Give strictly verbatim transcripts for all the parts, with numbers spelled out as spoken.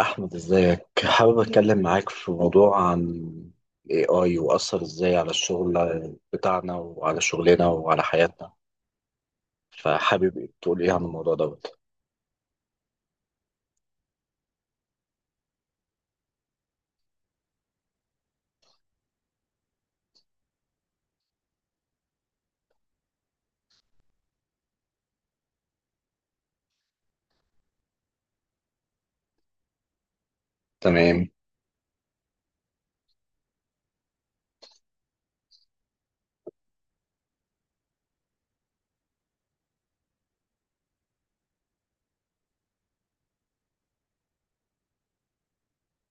أحمد، إزيك؟ حابب أتكلم معاك في موضوع عن ال ايه اي وأثر إزاي على الشغل بتاعنا وعلى شغلنا وعلى حياتنا. فحابب تقول إيه عن الموضوع دوت؟ تمام.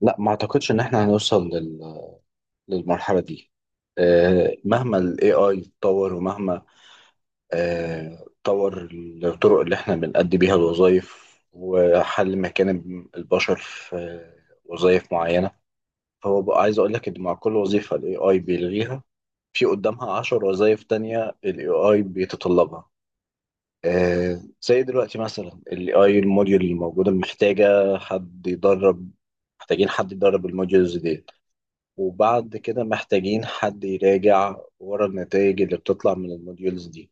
لا، ما أعتقدش إن إحنا هنوصل لل... للمرحلة دي. آه، مهما ال ايه اي اتطور ومهما آه، اتطور الطرق اللي إحنا بنأدي بيها الوظائف وحل مكان البشر في وظائف معينة. هو بقى عايز اقول لك ان مع كل وظيفه الاي اي بيلغيها، في قدامها عشر وظائف تانية الاي اي بيتطلبها. آه زي دلوقتي مثلا الاي اي، الموديول اللي موجوده محتاجه حد يدرب محتاجين حد يدرب الموديولز دي، وبعد كده محتاجين حد يراجع ورا النتائج اللي بتطلع من الموديولز دي.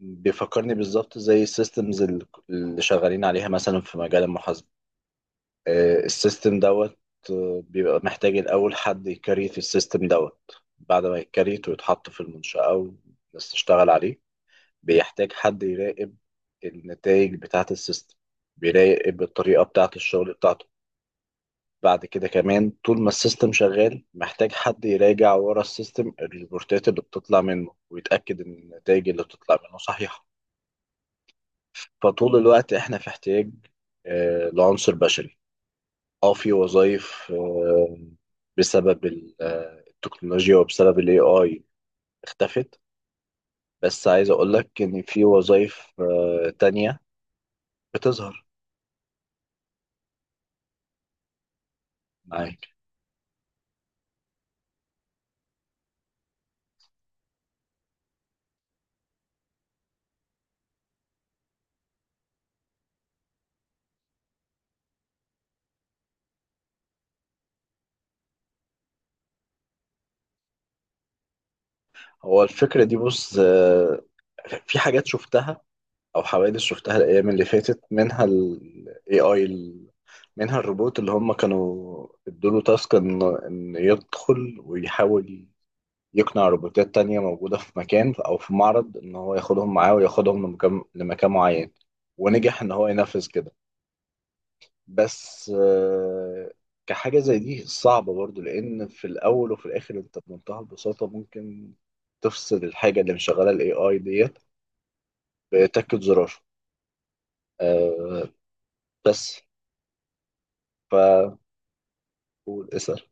بيفكرني بالظبط زي السيستمز اللي اللي شغالين عليها مثلا في مجال المحاسبه. آه، السيستم دوت، آه، بيبقى محتاج الأول حد يكريت السيستم دوت. بعد ما يكريت ويتحط في المنشأة والناس تشتغل عليه بيحتاج حد يراقب النتائج بتاعة السيستم، بيراقب الطريقة بتاعة الشغل بتاعته. بعد كده كمان طول ما السيستم شغال محتاج حد يراجع ورا السيستم الريبورتات اللي بتطلع منه ويتأكد إن النتائج اللي بتطلع منه صحيحة. فطول الوقت إحنا في احتياج آه، لعنصر بشري. اه، في وظائف آه، بسبب ال- آه، التكنولوجيا وبسبب الاي اي اختفت، بس عايز اقول لك ان في وظائف آه، تانية بتظهر. معاك. هو الفكرة دي بص، آه، في حاجات شفتها او حوادث شفتها الايام اللي فاتت منها الاي اي. منها الروبوت اللي هم كانوا ادوا له تاسك ان إن يدخل ويحاول يقنع روبوتات تانية موجودة في مكان أو في معرض إن هو ياخدهم معاه وياخدهم لمكان, لمكان معين. ونجح إن هو ينفذ كده. بس آه، كحاجة زي دي صعبة برضو، لأن في الأول وفي الآخر أنت بمنتهى البساطة ممكن تفصل الحاجة اللي مشغلة ال ايه اي ديت بتكة زرار. آه، بس. فقول. اسأل.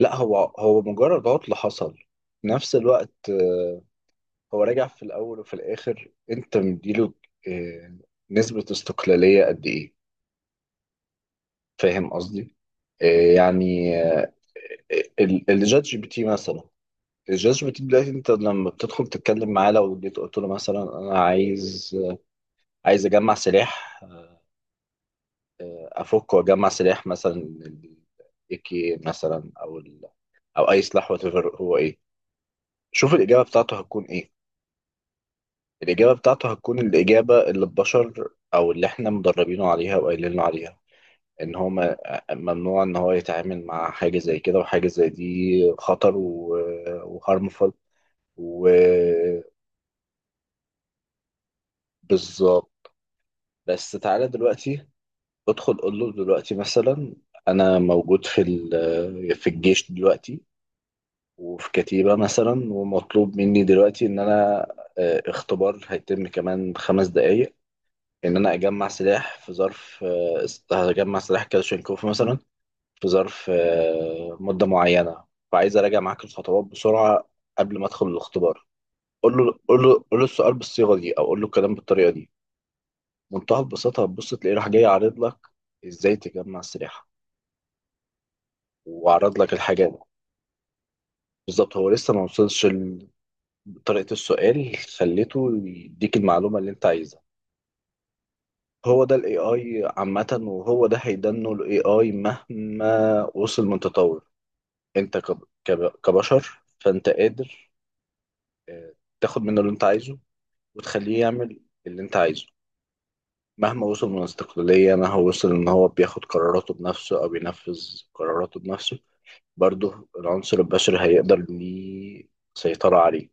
لا، هو هو مجرد عطل حصل. في نفس الوقت آه، هو راجع، في الأول وفي الآخر أنت مديله آه، نسبة استقلالية قد إيه. فاهم قصدي؟ آه، يعني آه، ال- الجات جي بي تي مثلا. الجات جي بي تي دلوقتي أنت لما بتدخل تتكلم معاه لو جيت قلت له مثلا أنا عايز عايز أجمع سلاح، آه، أفك وأجمع سلاح مثلا اي كي مثلا أو ال... أو أي سلاح، وات ايفر هو إيه. شوف الإجابة بتاعته هتكون إيه. الإجابة بتاعته هتكون الإجابة اللي البشر أو اللي إحنا مدربينه عليها وقايلين له عليها، ان هو ما- ممنوع ان هو يتعامل مع حاجه زي كده وحاجه زي دي، خطر وهارمفul. وبالظبط. بس تعالى دلوقتي ادخل قول له دلوقتي مثلا: انا موجود في ال- في الجيش دلوقتي وفي كتيبه مثلا، ومطلوب مني دلوقتي ان انا، آه، اختبار هيتم كمان خمس دقايق ان انا اجمع سلاح في ظرف، آه، هجمع سلاح كلاشينكوف مثلا في ظرف آه، مدة معينة، فعايز أراجع معاك الخطوات بسرعة قبل ما أدخل الاختبار. قول له قول له قول له السؤال بالصيغة دي أو قول له الكلام بالطريقة دي، منتهى البساطة هتبص تلاقيه راح جاي عارض لك إزاي تجمع سلاح وعرض لك الحاجات. بالظبط، هو لسه ما وصلش ل- طريقة السؤال خليته يديك المعلومة اللي أنت عايزها. هو ده الاي اي عامة وهو ده هيدنه الاي اي مهما وصل من تطور. انت كب- كب- كبشر، فانت قادر آه، تاخد منه اللي انت عايزه وتخليه يعمل اللي انت عايزه. مهما وصل من استقلالية، مهما وصل ان هو بياخد قراراته بنفسه او بينفذ قراراته بنفسه، برضه العنصر البشري هيقدر ليه سيطرة عليه.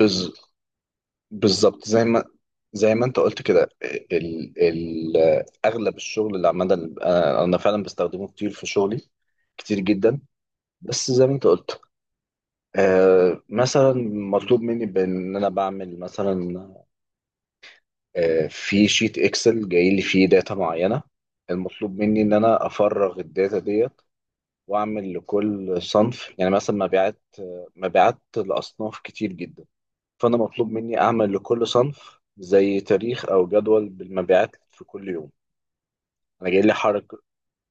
بز... بالظبط زي ما زي ما انت قلت كده. ال... ال... اغلب الشغل اللي عمال، انا أنا فعلا بستخدمه كتير في شغلي، كتير جدا، بس زي ما انت قلت. آه مثلا مطلوب مني بان انا بعمل مثلا، آه، في شيت اكسل جاي لي فيه داتا معينه. المطلوب مني ان انا افرغ الداتا ديت واعمل لكل صنف، يعني مثلا مبيعات آه، مبيعات لاصناف كتير جدا. فانا مطلوب مني اعمل لكل صنف زي تاريخ او جدول بالمبيعات في كل يوم. انا جاي لي حرج،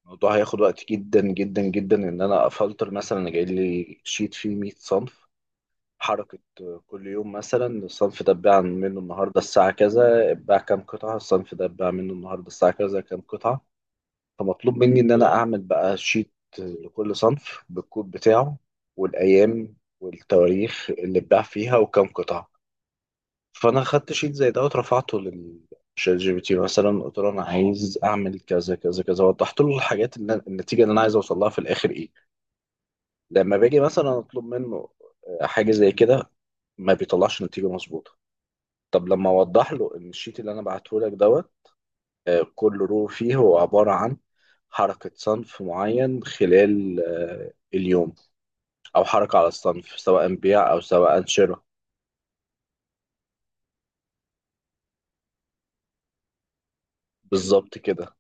الموضوع هياخد وقت جدا جدا جدا ان انا افلتر مثلا. انا جاي لي شيت فيه مية صنف، حركة كل يوم مثلا الصنف ده اتباع منه النهاردة الساعة كذا اتباع كام قطعة، الصنف ده اتباع منه النهاردة الساعة كذا كام قطعة. فمطلوب مني إن أنا أعمل بقى شيت لكل صنف بالكود بتاعه والأيام والتواريخ اللي اتباع فيها وكام قطعة. فأنا خدت شيت زي ده ورفعته للشات جي بي تي مثلا، قلت له أنا عايز أعمل كذا كذا كذا، وضحت له الحاجات اللي أنا- النتيجة اللي أنا عايز أوصل لها في الآخر إيه. لما باجي مثلا أطلب منه حاجة زي كده ما بيطلعش نتيجة مظبوطة. طب لما اوضح له ان الشيت اللي انا بعته لك دوت، آه، كل رو فيه هو عباره عن حركه صنف معين خلال آه، اليوم، او حركه على الصنف سواء بيع او سواء شراء. بالظبط كده.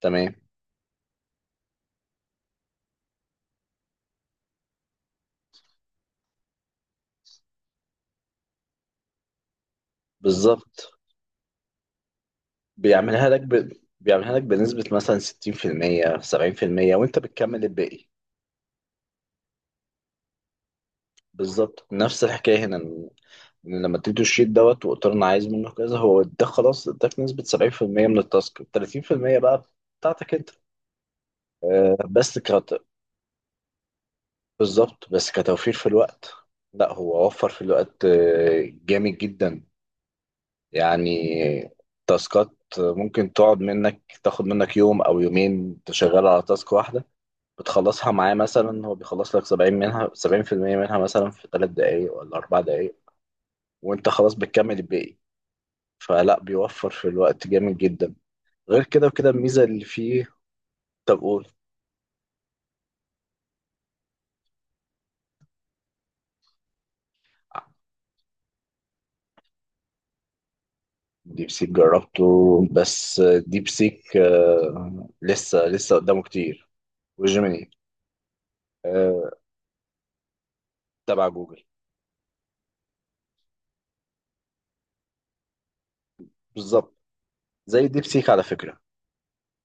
تمام. بالظبط، بيعملها لك ب... بيعملها لك بنسبه مثلا ستين في المية سبعين في المية وانت بتكمل الباقي. بالظبط نفس الحكايه هنا، ان إن لما تديله الشيت دوت وقلت له انا عايز منه كذا هو ده خلاص اداك نسبه سبعين في المية من التاسك، تلاتين في المية بقى بتاعتك انت. آه، بس كت... بالظبط بس كتوفير في الوقت. لا، هو وفر في الوقت آه، جامد جدا. يعني تاسكات ممكن تقعد منك تاخد منك يوم او يومين تشغل على تاسك واحدة، بتخلصها معاه مثلا هو بيخلص لك سبعين منها سبعين في المية منها مثلا في ثلاث دقايق ولا أربع دقايق وانت خلاص بتكمل الباقي. فلا، بيوفر في الوقت جامد جدا، غير كده وكده الميزة اللي فيه. طب قول. ديب سيك جربته بس، ديب سيك آه، لسه لسه قدامه كتير. وجيميني آه، تبع جوجل. بالظبط زي ديب سيك على فكرة،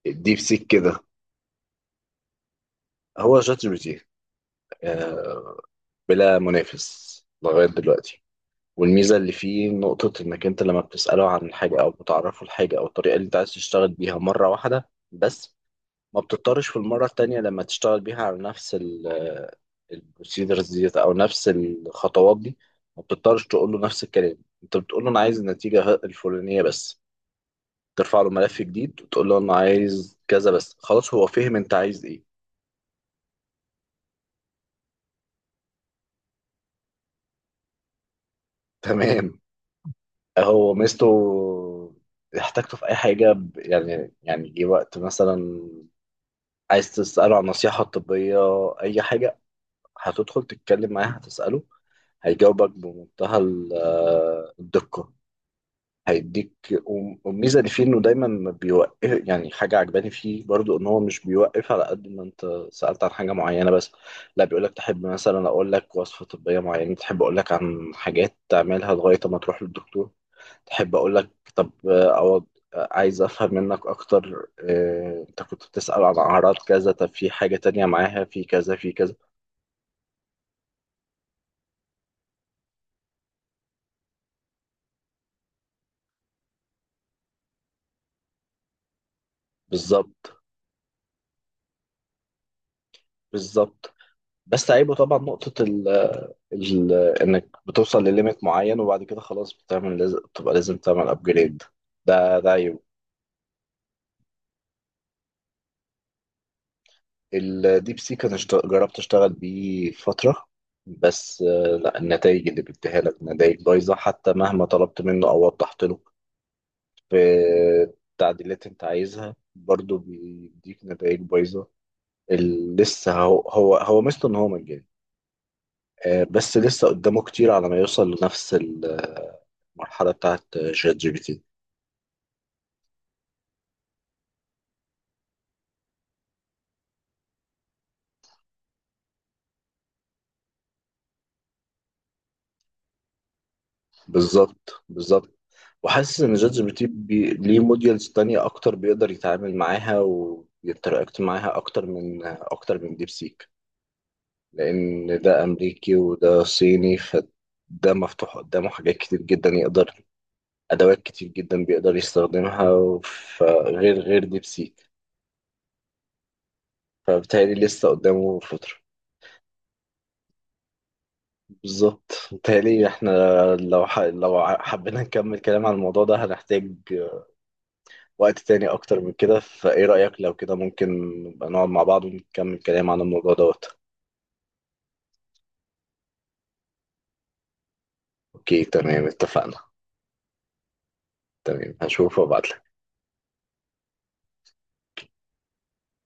الديب سيك كده. هو شات جي بي تي آه، بلا منافس لغاية دلوقتي. والميزة اللي فيه نقطة إنك أنت لما بتسأله عن حاجة أو بتعرفه الحاجة أو الطريقة اللي أنت عايز تشتغل بيها مرة واحدة بس، ما بتضطرش في المرة التانية لما تشتغل بيها على نفس البروسيدرز ديت او نفس الخطوات دي، ما بتضطرش تقول له نفس الكلام. انت بتقول له انا عايز النتيجه ه- الفلانيه بس، ترفع له ملف جديد وتقول له انا عايز كذا بس، خلاص هو فهم انت عايز ايه. تمام. هو ميزته، احتاجته في اي حاجه، ب- يعني يعني جه وقت مثلا عايز تساله عن النصيحه الطبيه، اي حاجه، هتدخل تتكلم معاه هتساله هيجاوبك بمنتهى ال- آه، الدقه، هيديك. والميزه اللي فيه انه دايما ما بيوقف، يعني حاجه عجباني فيه برضو، ان هو مش بيوقف على قد ما انت سالت عن حاجه معينه بس. لا، بيقول لك تحب مثلا اقول لك وصفه طبيه معينه، تحب اقول لك عن حاجات تعملها لغايه ما تروح للدكتور، تحب اقول لك طب، آه، أو آه، عايز افهم منك اكتر، آه، انت كنت بتسال عن اعراض كذا، طب في حاجه تانية معاها، في كذا في كذا. بالظبط بالظبط. بس عيبه طبعا نقطة ال- انك بتوصل لليميت معين وبعد كده خلاص بتعمل لازم، بتبقى لازم تعمل ابجريد. ده ده عيب. الديب سيك انا اشت- جربت اشتغل بيه فتره، بس آه، لا، النتائج اللي بيديها لك نتائج بايظه، حتى مهما طلبت منه او وضحت له في التعديلات انت عايزها برضه بيديك نتائج بايظه. ال- لسه، هو هو هو ميزته ان هو مجاني، آه، بس لسه قدامه كتير على ما يوصل لنفس ال- المرحله بتاعت شات جي بي تي. بالظبط بالظبط. وحاسس ان جات جي بي تي بي... ليه موديلز تانية اكتر بيقدر يتعامل معاها ويتراكت معاها اكتر من اكتر من ديب سيك، لان ده امريكي وده صيني، فده مفتوح قدامه حاجات كتير جدا يقدر، ادوات كتير جدا بيقدر يستخدمها، فغير غير ديب سيك. فبالتالي لسه قدامه فترة. بالظبط. بالتالي احنا لو ح... لو ع- حبينا نكمل كلام عن الموضوع ده هنحتاج وقت تاني أكتر من كده، فإيه رأيك لو كده ممكن نبقى نقعد مع بعض ونكمل كلام عن الموضوع دوت؟ أوكي، تمام اتفقنا. تمام، هشوف وأبعتلك.